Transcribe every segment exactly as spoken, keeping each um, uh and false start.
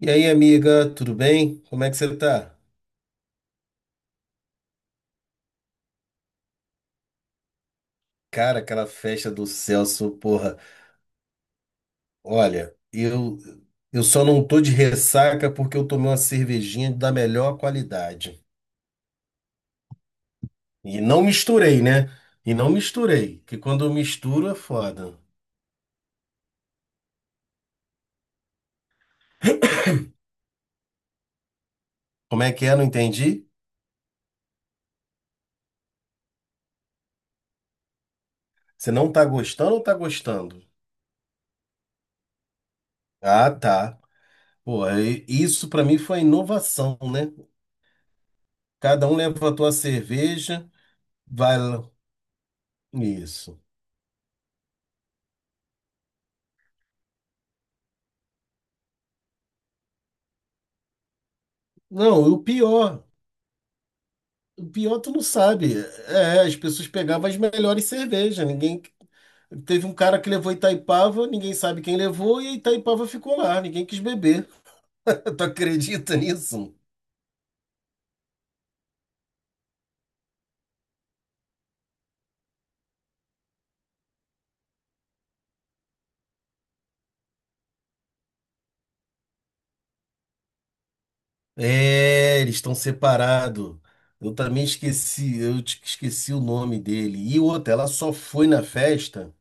E aí, amiga, tudo bem? Como é que você tá? Cara, aquela festa do Celso, porra. Olha, eu eu só não tô de ressaca porque eu tomei uma cervejinha da melhor qualidade. E não misturei, né? E não misturei, que quando eu misturo é foda. Como é que é? Não entendi. Você não tá gostando ou tá gostando? Ah, tá. Pô, aí, isso pra mim foi inovação, né? Cada um leva a tua cerveja, vai lá. Isso. Não, e o pior. O pior, tu não sabe. É, as pessoas pegavam as melhores cervejas. Ninguém. Teve um cara que levou Itaipava, ninguém sabe quem levou, e a Itaipava ficou lá, ninguém quis beber. Tu acredita nisso? É, eles estão separados. Eu também esqueci, eu te- esqueci o nome dele. E outra, ela só foi na festa,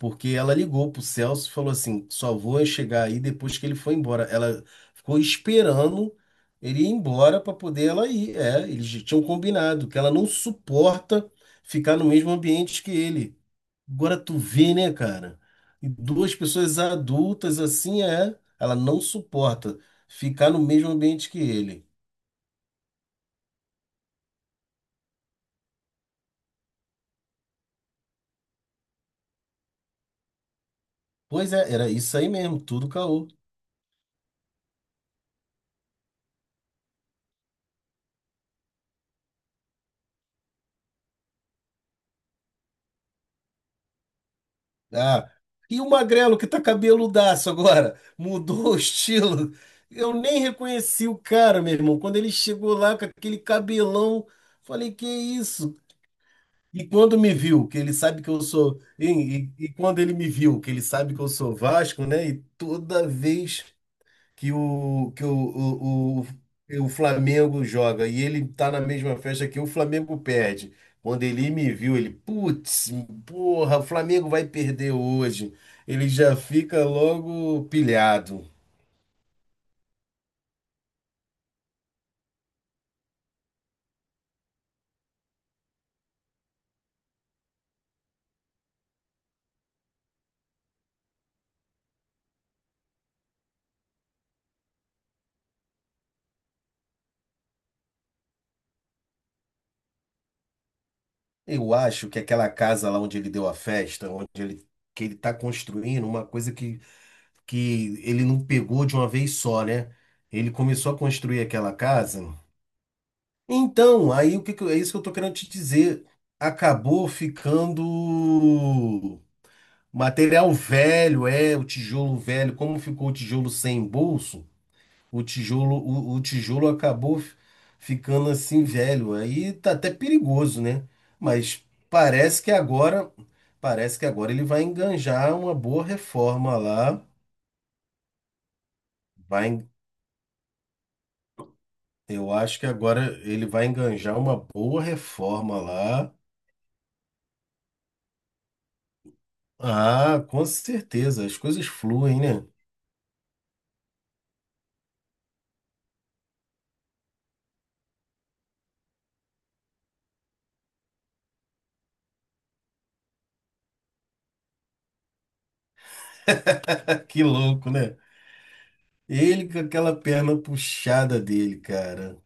porque ela ligou pro Celso e falou assim: só vou chegar aí depois que ele foi embora. Ela ficou esperando ele ir embora para poder ela ir. É, eles já tinham combinado que ela não suporta ficar no mesmo ambiente que ele. Agora tu vê, né, cara? E duas pessoas adultas assim é, ela não suporta ficar no mesmo ambiente que ele. Pois é, era isso aí mesmo, tudo caô. Ah, e o magrelo que tá cabeludaço agora, mudou o estilo. Eu nem reconheci o cara, meu irmão. Quando ele chegou lá com aquele cabelão, falei, que isso? E quando me viu, que ele sabe que eu sou. E, e- e quando ele me viu, que ele sabe que eu sou Vasco, né? E toda vez que o, que o, o, o, que o Flamengo joga e ele tá na mesma festa que o Flamengo perde. Quando ele me viu, ele, putz, porra, o Flamengo vai perder hoje. Ele já fica logo pilhado. Eu acho que aquela casa lá onde ele deu a festa, onde ele, que ele tá construindo, uma coisa que, que ele não pegou de uma vez só, né? Ele começou a construir aquela casa. Então, aí o que que eu- é isso que eu tô querendo te dizer. Acabou ficando material velho, é, o tijolo velho. Como ficou o tijolo sem bolso, o tijolo, o, o tijolo acabou f- ficando assim velho. Aí tá até perigoso, né? Mas parece que agora, parece que agora ele vai enganjar uma boa reforma lá. Vai, en- eu acho que agora ele vai enganjar uma boa reforma lá. Ah, com certeza, as coisas fluem, né? Que louco, né? Ele com aquela perna puxada dele, cara.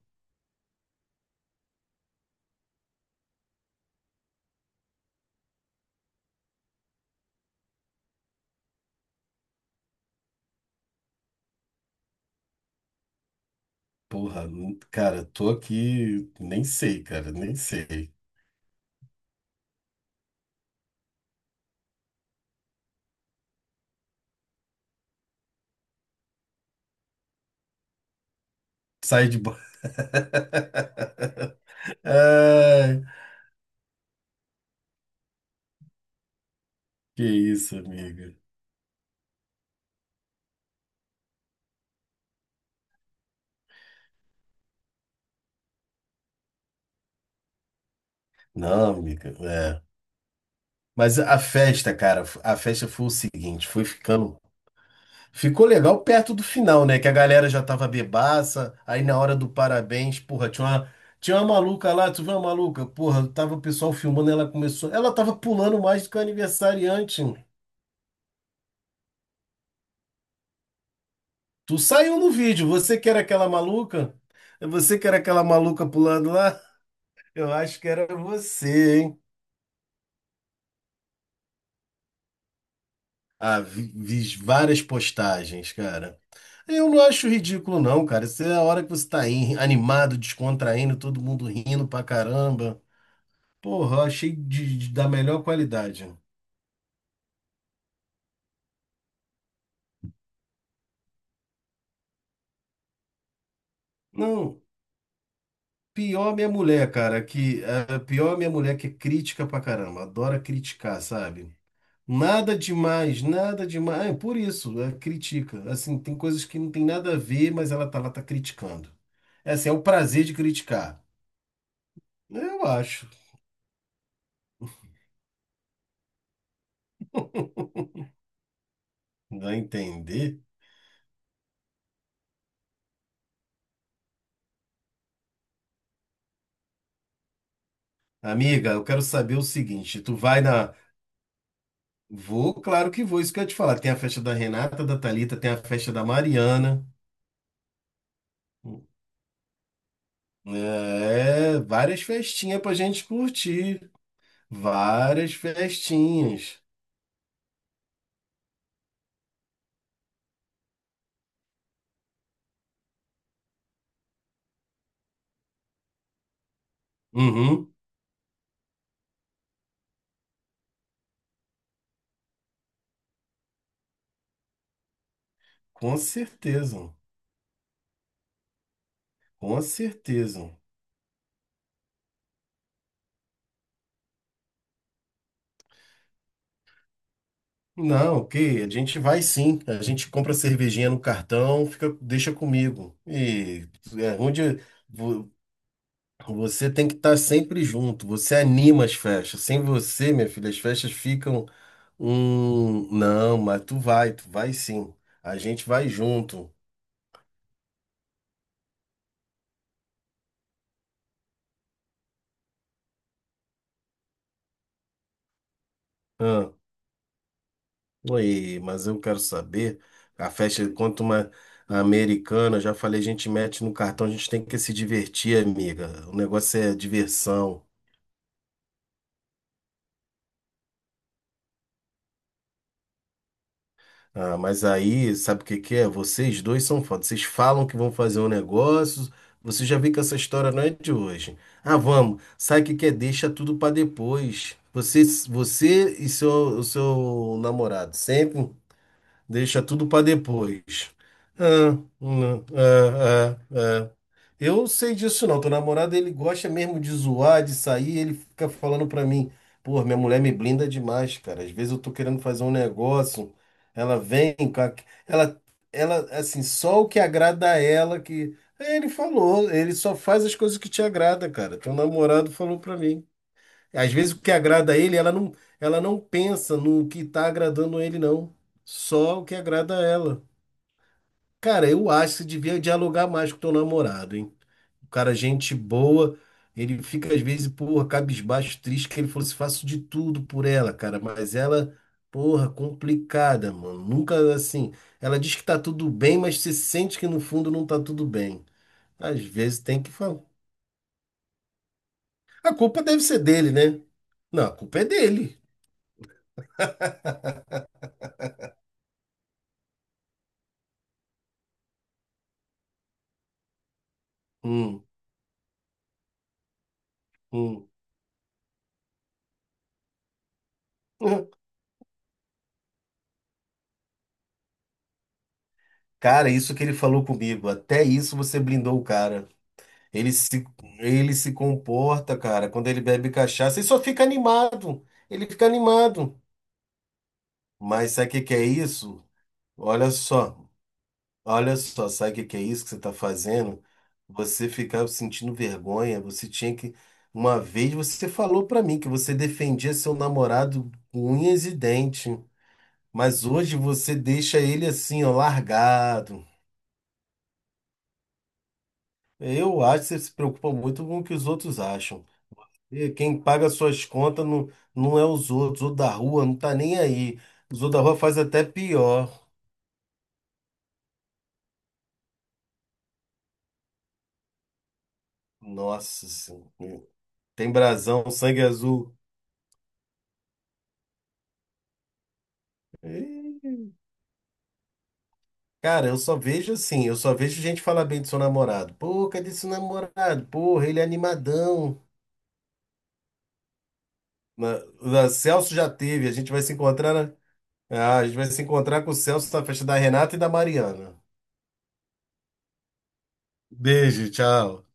Porra, nu- cara, tô aqui, nem sei, cara, nem sei. Sai de bola. Ai, que isso, amiga. Não, amiga, é. Mas a festa, cara, a festa foi o seguinte, foi ficando. Ficou legal perto do final, né? Que a galera já tava bebaça. Aí na hora do parabéns, porra, tinha uma, tinha uma maluca lá, tu viu uma maluca? Porra, tava o pessoal filmando, ela começou. Ela tava pulando mais do que o aniversariante, mano. Tu saiu no vídeo, você que era aquela maluca? É, você que era aquela maluca pulando lá? Eu acho que era você, hein? Ah, vi, vi várias postagens, cara. Eu não acho ridículo, não, cara. Isso é a hora que você tá aí, animado, descontraindo, todo mundo rindo pra caramba. Porra, achei de, de- da melhor qualidade. Não, pior minha mulher, cara, que eh, pior minha mulher que é crítica pra caramba, adora criticar, sabe? Nada demais, nada demais. É, por isso, ela critica. Assim, tem coisas que não tem nada a ver, mas ela tá lá tá criticando. É assim, é o prazer de criticar. Eu acho, dá a entender. Amiga, eu quero saber o seguinte, tu vai na... Vou, claro que vou, isso que eu ia te falar. Tem a festa da Renata, da Thalita, tem a festa da Mariana. É, várias festinhas pra gente curtir. Várias festinhas. Uhum, com certeza. Com certeza. Não, ok, a gente vai sim. A gente compra cervejinha no cartão, fica, deixa comigo. E é onde vo- você tem que estar sempre junto. Você anima as festas. Sem você, minha filha, as festas ficam um... Não, mas tu vai, tu vai sim. A gente vai junto. Oi, mas eu quero saber, a festa, quanto uma americana, já falei, a gente mete no cartão, a gente tem que se divertir, amiga. O negócio é diversão. Ah, mas aí, sabe o que que é? Vocês dois são foda. Vocês falam que vão fazer um negócio, você já vê que essa história não é de hoje. Ah, vamos, sabe o que que é? Deixa tudo pra depois. Você, você e seu, o seu namorado sempre. Deixa tudo para depois. Ah, não, ah, ah, ah. Eu sei disso não. Teu namorado, ele gosta mesmo de zoar, de sair, ele fica falando para mim, pô, minha mulher me blinda demais, cara. Às vezes eu tô querendo fazer um negócio, ela vem com a... ela ela assim, só o que agrada a ela que... Ele falou, ele só faz as coisas que te agrada, cara. Teu namorado falou para mim. Às vezes o que agrada a ele, ela não, ela não pensa no que está agradando ele, não. Só o que agrada a ela. Cara, eu acho que você devia dialogar mais com teu namorado, hein? O cara, é gente boa, ele fica às vezes, porra, cabisbaixo, triste, que ele falou assim, faço de tudo por ela, cara, mas ela, porra, complicada, mano. Nunca assim, ela diz que tá tudo bem, mas você sente que no fundo não tá tudo bem. Às vezes tem que falar. A culpa deve ser dele, né? Não, a culpa é dele. Hum, hum. Cara, isso que ele falou comigo, até isso você blindou o cara. Ele se, ele se comporta, cara, quando ele bebe cachaça, ele só fica animado. Ele fica animado. Mas sabe o que que é isso? Olha só, olha só, sabe o que que é isso que você está fazendo? Você ficava sentindo vergonha, você tinha que... Uma vez você falou para mim que você defendia seu namorado com unhas e dentes, mas hoje você deixa ele assim, ó, largado. Eu acho que você se preocupa muito com o que os outros acham. E quem paga suas contas não, não é os outros, o da rua não tá nem aí. Os outros da rua faz até pior. Nossa Senhora. Tem brasão, sangue azul. Ih, cara, eu só vejo assim, eu só vejo gente falar bem do seu namorado. Pô, cadê seu namorado? Porra, ele é animadão. Na- na- Celso já teve, a gente vai se encontrar. na- Ah, a gente vai se encontrar com o Celso na festa da Renata e da Mariana. Beijo, tchau.